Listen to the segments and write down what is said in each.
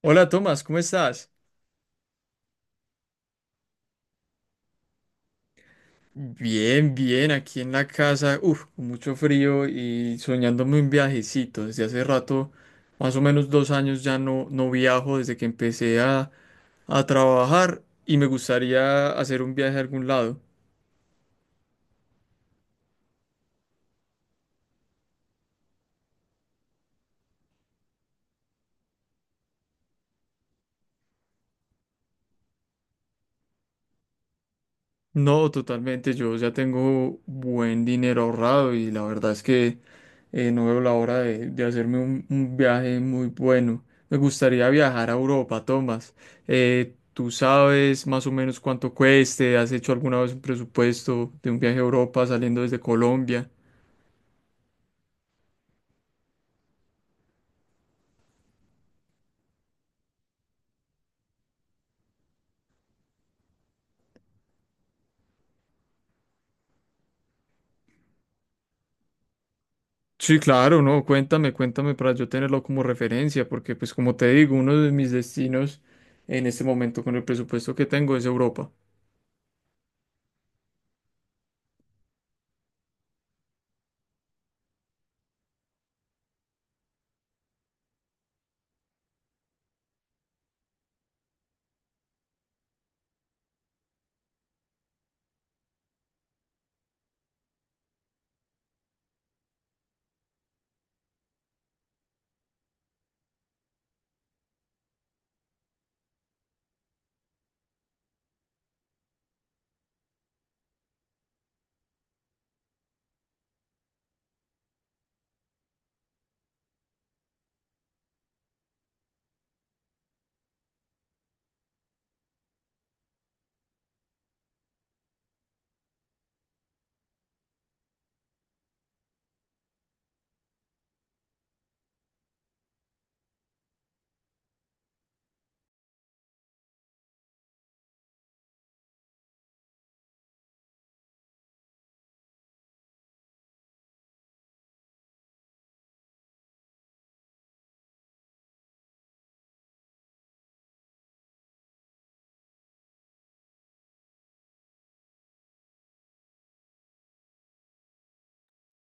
Hola Tomás, ¿cómo estás? Bien, bien, aquí en la casa, uff, con mucho frío y soñándome un viajecito. Desde hace rato, más o menos 2 años ya no, no viajo desde que empecé a trabajar y me gustaría hacer un viaje a algún lado. No, totalmente. Yo ya tengo buen dinero ahorrado y la verdad es que no veo la hora de hacerme un viaje muy bueno. Me gustaría viajar a Europa, Tomás. ¿Tú sabes más o menos cuánto cueste? ¿Has hecho alguna vez un presupuesto de un viaje a Europa saliendo desde Colombia? Sí, claro, no, cuéntame, cuéntame para yo tenerlo como referencia, porque pues como te digo, uno de mis destinos en este momento con el presupuesto que tengo es Europa.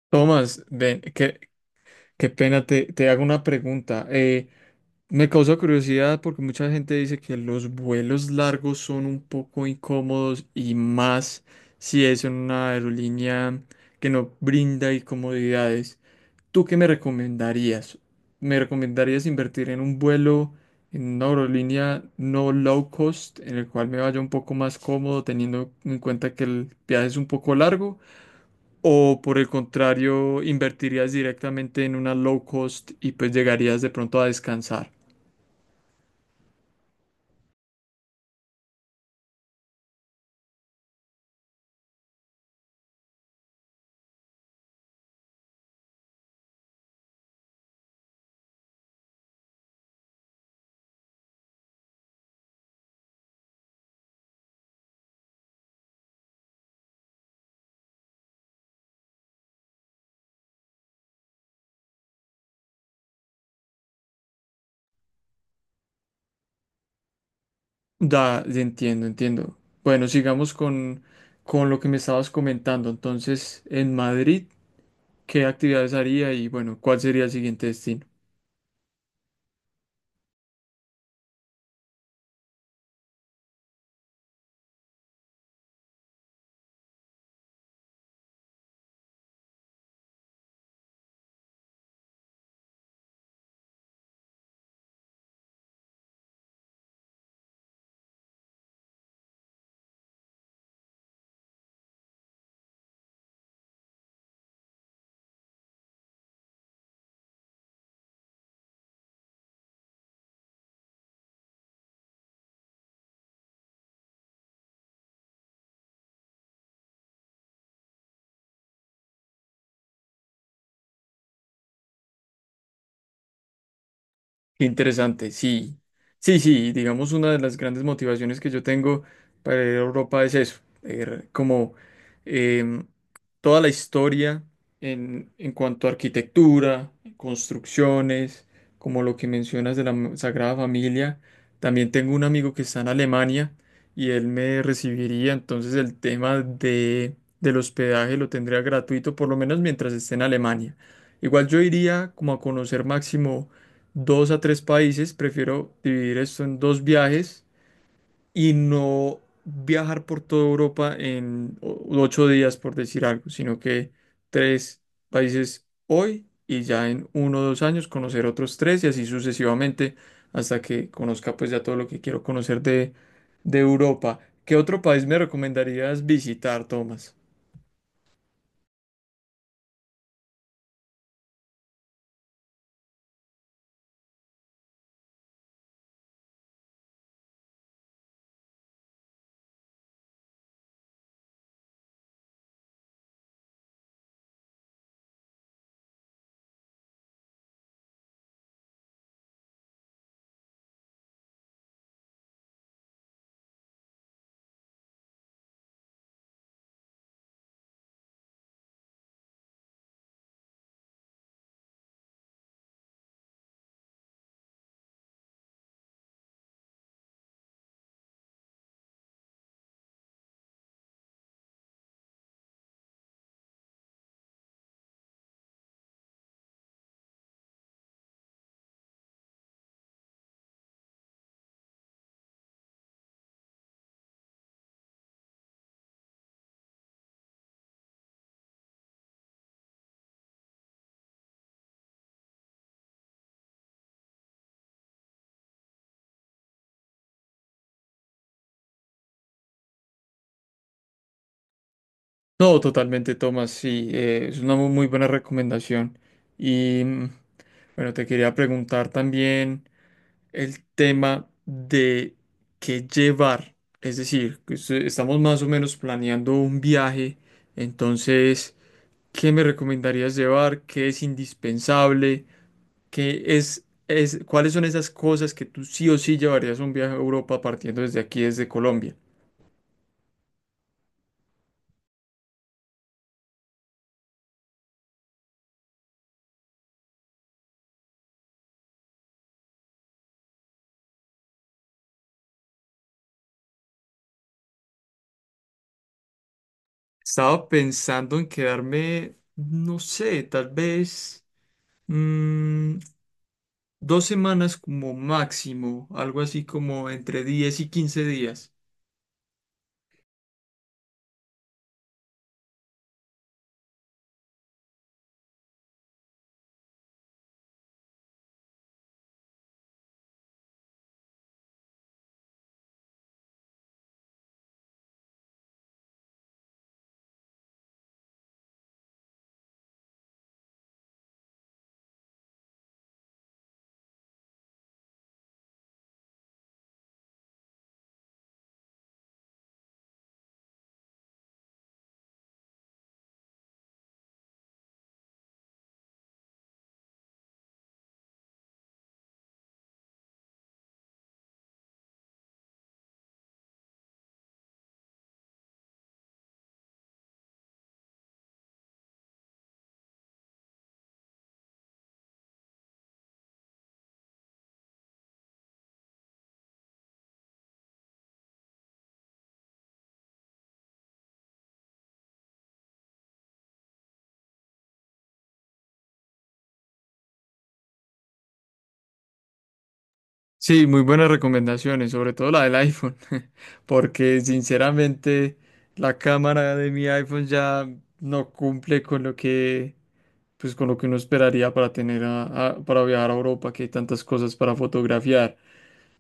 Tomás, ven, qué pena, te hago una pregunta. Me causa curiosidad porque mucha gente dice que los vuelos largos son un poco incómodos y más si es en una aerolínea que no brinda comodidades. ¿Tú qué me recomendarías? ¿Me recomendarías invertir en un vuelo en una aerolínea no low cost en el cual me vaya un poco más cómodo teniendo en cuenta que el viaje es un poco largo? O por el contrario, invertirías directamente en una low cost y pues llegarías de pronto a descansar. Da, entiendo, entiendo. Bueno, sigamos con, lo que me estabas comentando. Entonces, en Madrid, ¿qué actividades haría y bueno, cuál sería el siguiente destino? Qué interesante, sí. Sí, sí, digamos una de las grandes motivaciones que yo tengo para ir a Europa es eso, ver como em, toda la historia en cuanto a arquitectura, construcciones, como lo que mencionas de la Sagrada Familia. También tengo un amigo que está en Alemania y él me recibiría, entonces el tema de, del hospedaje lo tendría gratuito, por lo menos mientras esté en Alemania. Igual yo iría como a conocer máximo dos a tres países. Prefiero dividir esto en dos viajes y no viajar por toda Europa en 8 días, por decir algo, sino que tres países hoy y ya en 1 o 2 años conocer otros tres y así sucesivamente hasta que conozca pues ya todo lo que quiero conocer de Europa. ¿Qué otro país me recomendarías visitar, Tomás? No, totalmente, Tomás, sí, es una muy buena recomendación. Y mm, bueno, te quería preguntar también el tema de qué llevar. Es decir, que estamos más o menos planeando un viaje. Entonces, ¿qué me recomendarías llevar? ¿Qué es indispensable? ¿ cuáles son esas cosas que tú sí o sí llevarías a un viaje a Europa partiendo desde aquí, desde Colombia? Estaba pensando en quedarme, no sé, tal vez mm, 2 semanas como máximo, algo así como entre 10 y 15 días. Sí, muy buenas recomendaciones, sobre todo la del iPhone, porque sinceramente la cámara de mi iPhone ya no cumple con lo que, pues, con lo que uno esperaría para tener para viajar a Europa, que hay tantas cosas para fotografiar.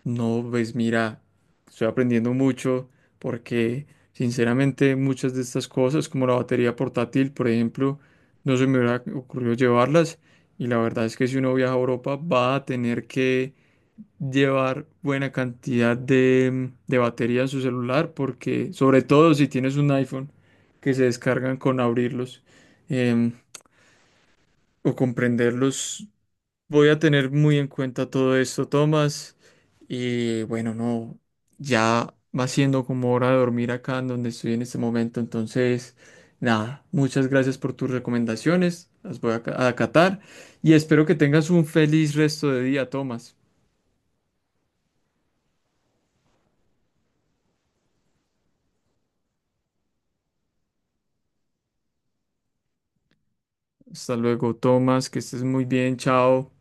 No, pues mira, estoy aprendiendo mucho porque sinceramente muchas de estas cosas, como la batería portátil, por ejemplo, no se me hubiera ocurrido llevarlas y la verdad es que si uno viaja a Europa va a tener que llevar buena cantidad de batería en su celular, porque sobre todo si tienes un iPhone que se descargan con abrirlos em, o comprenderlos. Voy a tener muy en cuenta todo esto, Tomás. Y bueno, no, ya va siendo como hora de dormir acá en donde estoy en este momento, entonces. Nada, muchas gracias por tus recomendaciones, las voy a a acatar y espero que tengas un feliz resto de día, Tomás. Hasta luego, Tomás, que estés muy bien, chao.